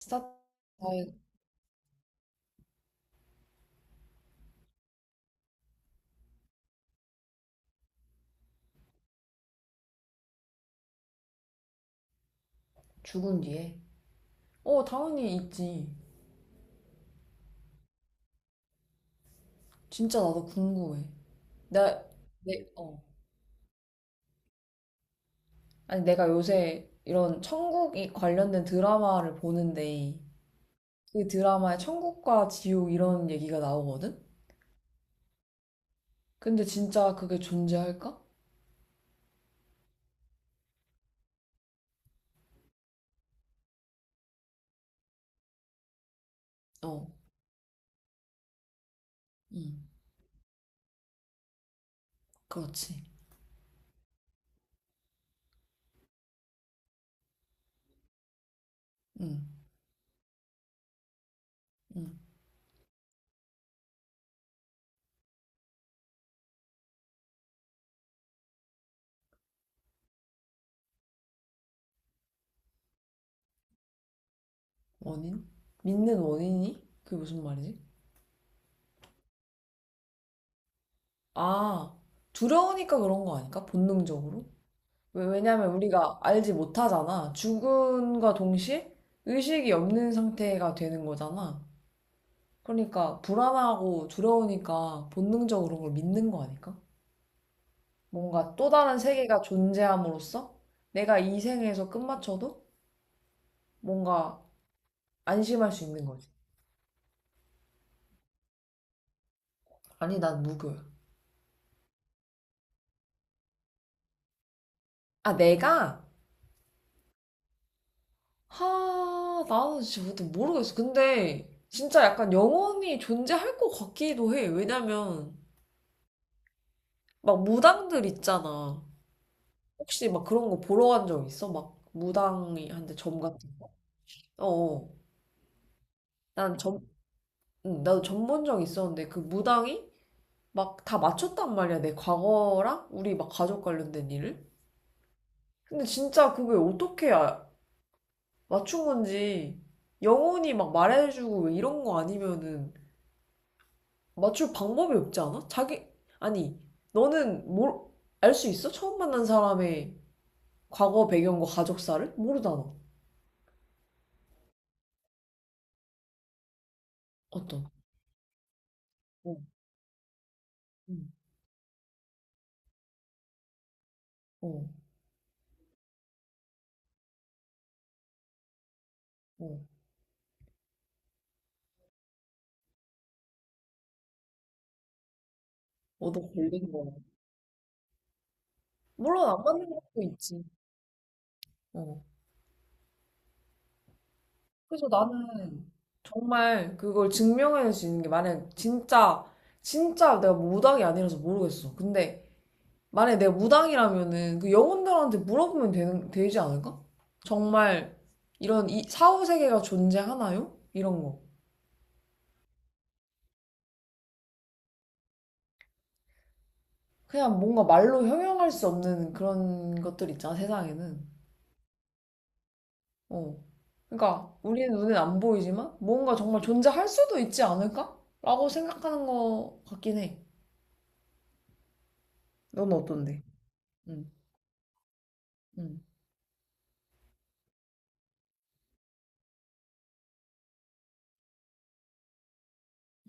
스타트가 죽은 뒤에 당연히 있지. 진짜 나도 궁금해. 나, 내, 어. 아니, 내가 요새 이런 천국이 관련된 드라마를 보는데 그 드라마에 천국과 지옥 이런 얘기가 나오거든? 근데 진짜 그게 존재할까? 어, 응, 그렇지. 응, 응. 원인? 믿는 원인이? 그게 무슨 말이지? 아, 두려우니까 그런 거 아닐까? 본능적으로? 왜냐면 우리가 알지 못하잖아. 죽음과 동시에 의식이 없는 상태가 되는 거잖아. 그러니까 불안하고 두려우니까 본능적으로 그걸 믿는 거 아닐까? 뭔가 또 다른 세계가 존재함으로써 내가 이 생에서 끝마쳐도 뭔가 안심할 수 있는 거지. 아니, 난 무교야. 아, 내가? 하, 나는 진짜 모르겠어. 근데 진짜 약간 영원히 존재할 것 같기도 해. 왜냐면 막 무당들 있잖아. 혹시 막 그런 거 보러 간 적 있어? 막 무당이 한테 점 같은 거? 어어. 난 점, 응, 나도 점 본 적 있었는데 그 무당이 막 다 맞췄단 말이야. 내 과거랑 우리 막 가족 관련된 일을. 근데 진짜 그게 맞춘 건지 영혼이 막 말해주고 왜 이런 거 아니면은 맞출 방법이 없지 않아? 자기, 아니, 너는 뭘, 알 수 있어? 처음 만난 사람의 과거 배경과 가족사를? 모르잖아. 어떤? 어, 응, 어, 어. 얻어 걸린 거야. 물론 안 맞는 것도 있지. 어. 그래서 나는 정말 그걸 증명할 수 있는 게 만약 진짜 진짜 내가 무당이 아니라서 모르겠어. 근데 만약 내가 무당이라면은 그 영혼들한테 물어보면 되는 되지 않을까? 정말 이런 이 사후 세계가 존재하나요? 이런 거. 그냥 뭔가 말로 형용할 수 없는 그런 것들 있잖아, 세상에는. 어. 그러니까 우리는 눈엔 안 보이지만 뭔가 정말 존재할 수도 있지 않을까? 라고 생각하는 것 같긴 해. 넌 어떤데? 응, 응,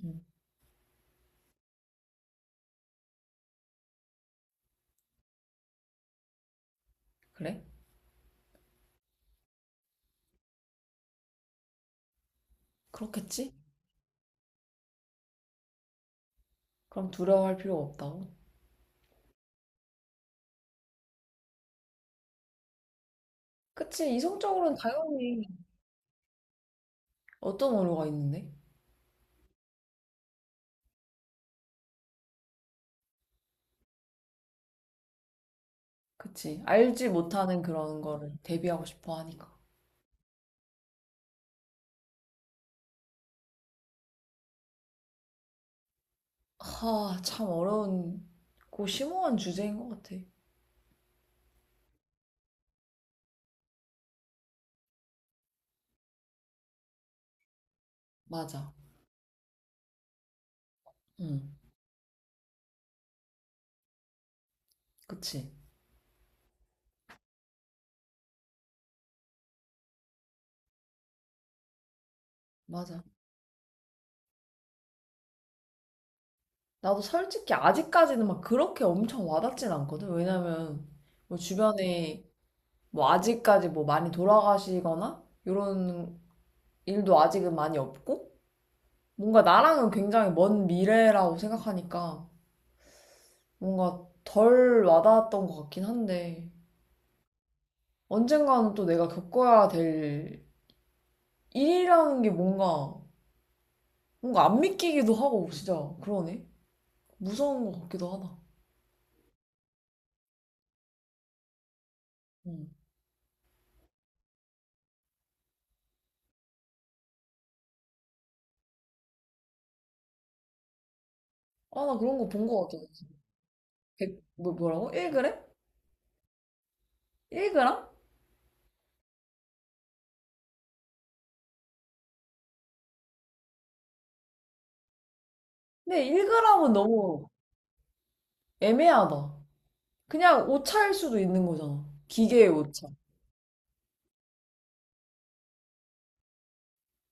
응. 그래? 그렇겠지? 그럼 두려워할 필요가 없다고. 그치, 이성적으로는 당연히. 어떤 오류가 있는데? 그치, 알지 못하는 그런 거를 대비하고 싶어 하니까. 하, 참 어려운, 고 심오한 주제인 것 같아. 맞아. 응, 그치. 맞아. 나도 솔직히 아직까지는 막 그렇게 엄청 와닿진 않거든. 왜냐면 뭐 주변에 뭐 아직까지 뭐 많이 돌아가시거나 이런 일도 아직은 많이 없고 뭔가 나랑은 굉장히 먼 미래라고 생각하니까 뭔가 덜 와닿았던 것 같긴 한데 언젠가는 또 내가 겪어야 될 일이라는 게 뭔가 뭔가 안 믿기기도 하고 진짜 그러네. 무서운 것 같기도 하다. 음. 아, 나 그런 거 본 것 같아. 뭐라고? 1g? 1g? 근데 1g은 너무 애매하다. 그냥 오차일 수도 있는 거잖아. 기계의 오차.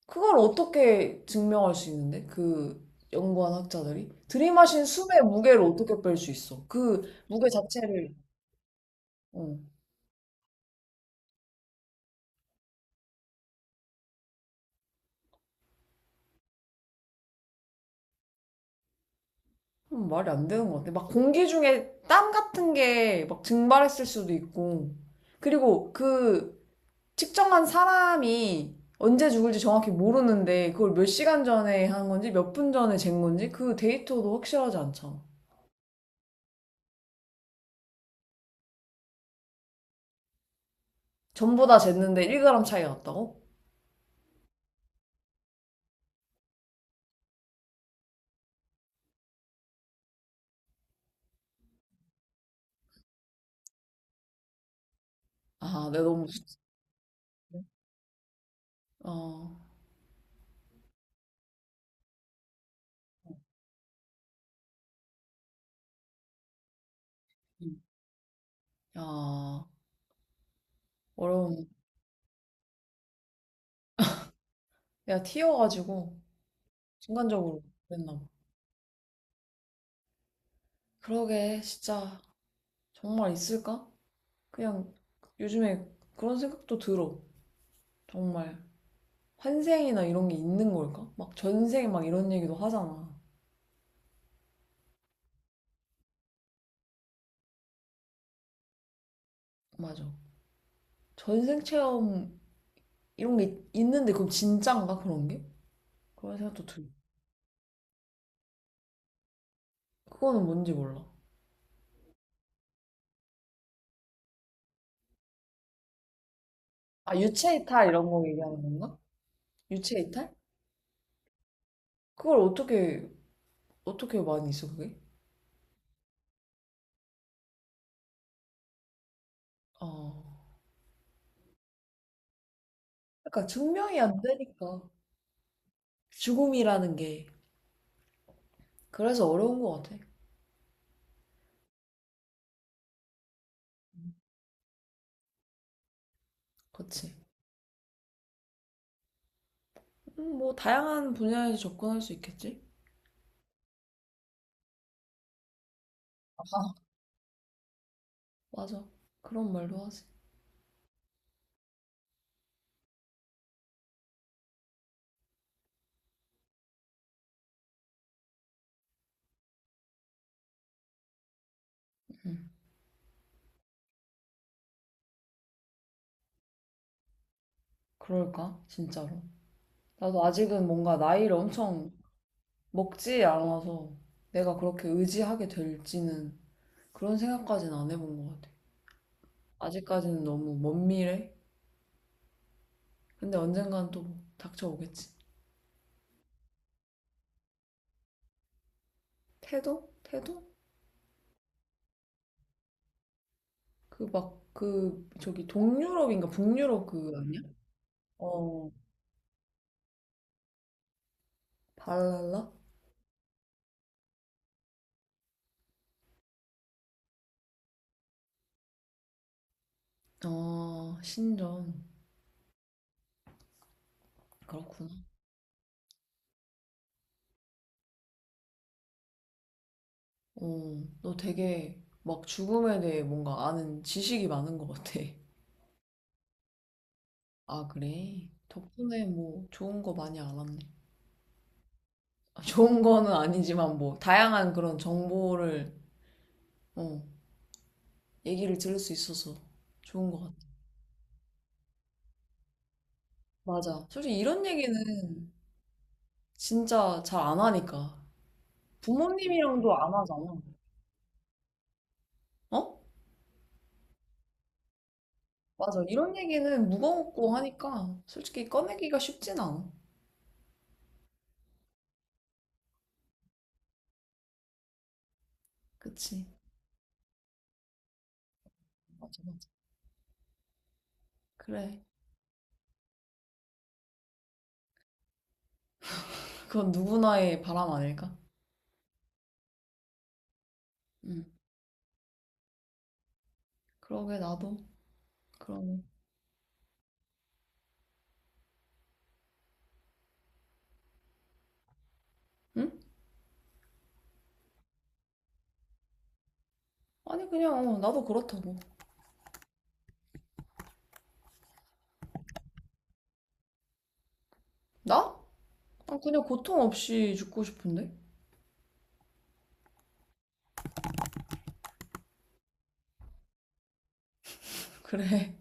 그걸 어떻게 증명할 수 있는데? 그 연구한 학자들이? 들이마신 숨의 무게를 어떻게 뺄 수 있어? 그 무게 자체를, 어. 그럼 말이 안 되는 것 같아. 막 공기 중에 땀 같은 게 막 증발했을 수도 있고. 그리고 그 측정한 사람이 언제 죽을지 정확히 모르는데 그걸 몇 시간 전에 한 건지 몇 분 전에 잰 건지 그 데이터도 확실하지 않잖아. 전부 다 쟀는데 1g 차이가 났다고? 아, 내가 너무 아, 음. 야, 어려운. 내가 튀어가지고 순간적으로 그랬나 봐. 그러게, 진짜 정말 있을까? 그냥 요즘에 그런 생각도 들어. 정말 환생이나 이런 게 있는 걸까? 막 전생 막 이런 얘기도 하잖아. 맞아. 전생 체험 이런 게 있는데 그럼 진짠가 그런 게? 그런 생각도 들어. 그거는 뭔지 몰라. 아, 유체 이탈 이런 거 얘기하는 건가? 유체 이탈? 그걸 어떻게 어떻게 많이 있어 그게? 아, 그러니까 증명이 안 되니까 죽음이라는 게 그래서 어려운 것 같아. 그치? 뭐 다양한 분야에서 접근할 수 있겠지? 맞아. 그런 말도 하지. 음, 그럴까? 진짜로. 나도 아직은 뭔가 나이를 엄청 먹지 않아서 내가 그렇게 의지하게 될지는 그런 생각까지는 안 해본 것 같아. 아직까지는 너무 먼 미래? 근데 언젠간 또 닥쳐오겠지. 태도? 태도? 그 막, 그, 저기 동유럽인가 북유럽 그 아니야? 어, 발랄라? 어, 신전. 그렇구나. 어, 너 되게 막 죽음에 대해 뭔가 아는 지식이 많은 것 같아. 아, 그래? 덕분에 뭐 좋은 거 많이 알았네. 아, 좋은 거는 아니지만 뭐 다양한 그런 정보를 어, 얘기를 들을 수 있어서 좋은 것 같아. 맞아. 솔직히 이런 얘기는 진짜 잘 안 하니까. 부모님이랑도 안 하잖아. 어? 맞아. 이런 얘기는 무거웠고 하니까 솔직히 꺼내기가 쉽진 않아. 그치. 맞아, 맞아. 그래. 그건 누구나의 바람 아닐까? 응. 그러게, 나도. 그러네. 응? 아니, 그냥, 어, 나도 그렇다고. 나? 난 그냥 고통 없이 죽고 싶은데? 그래.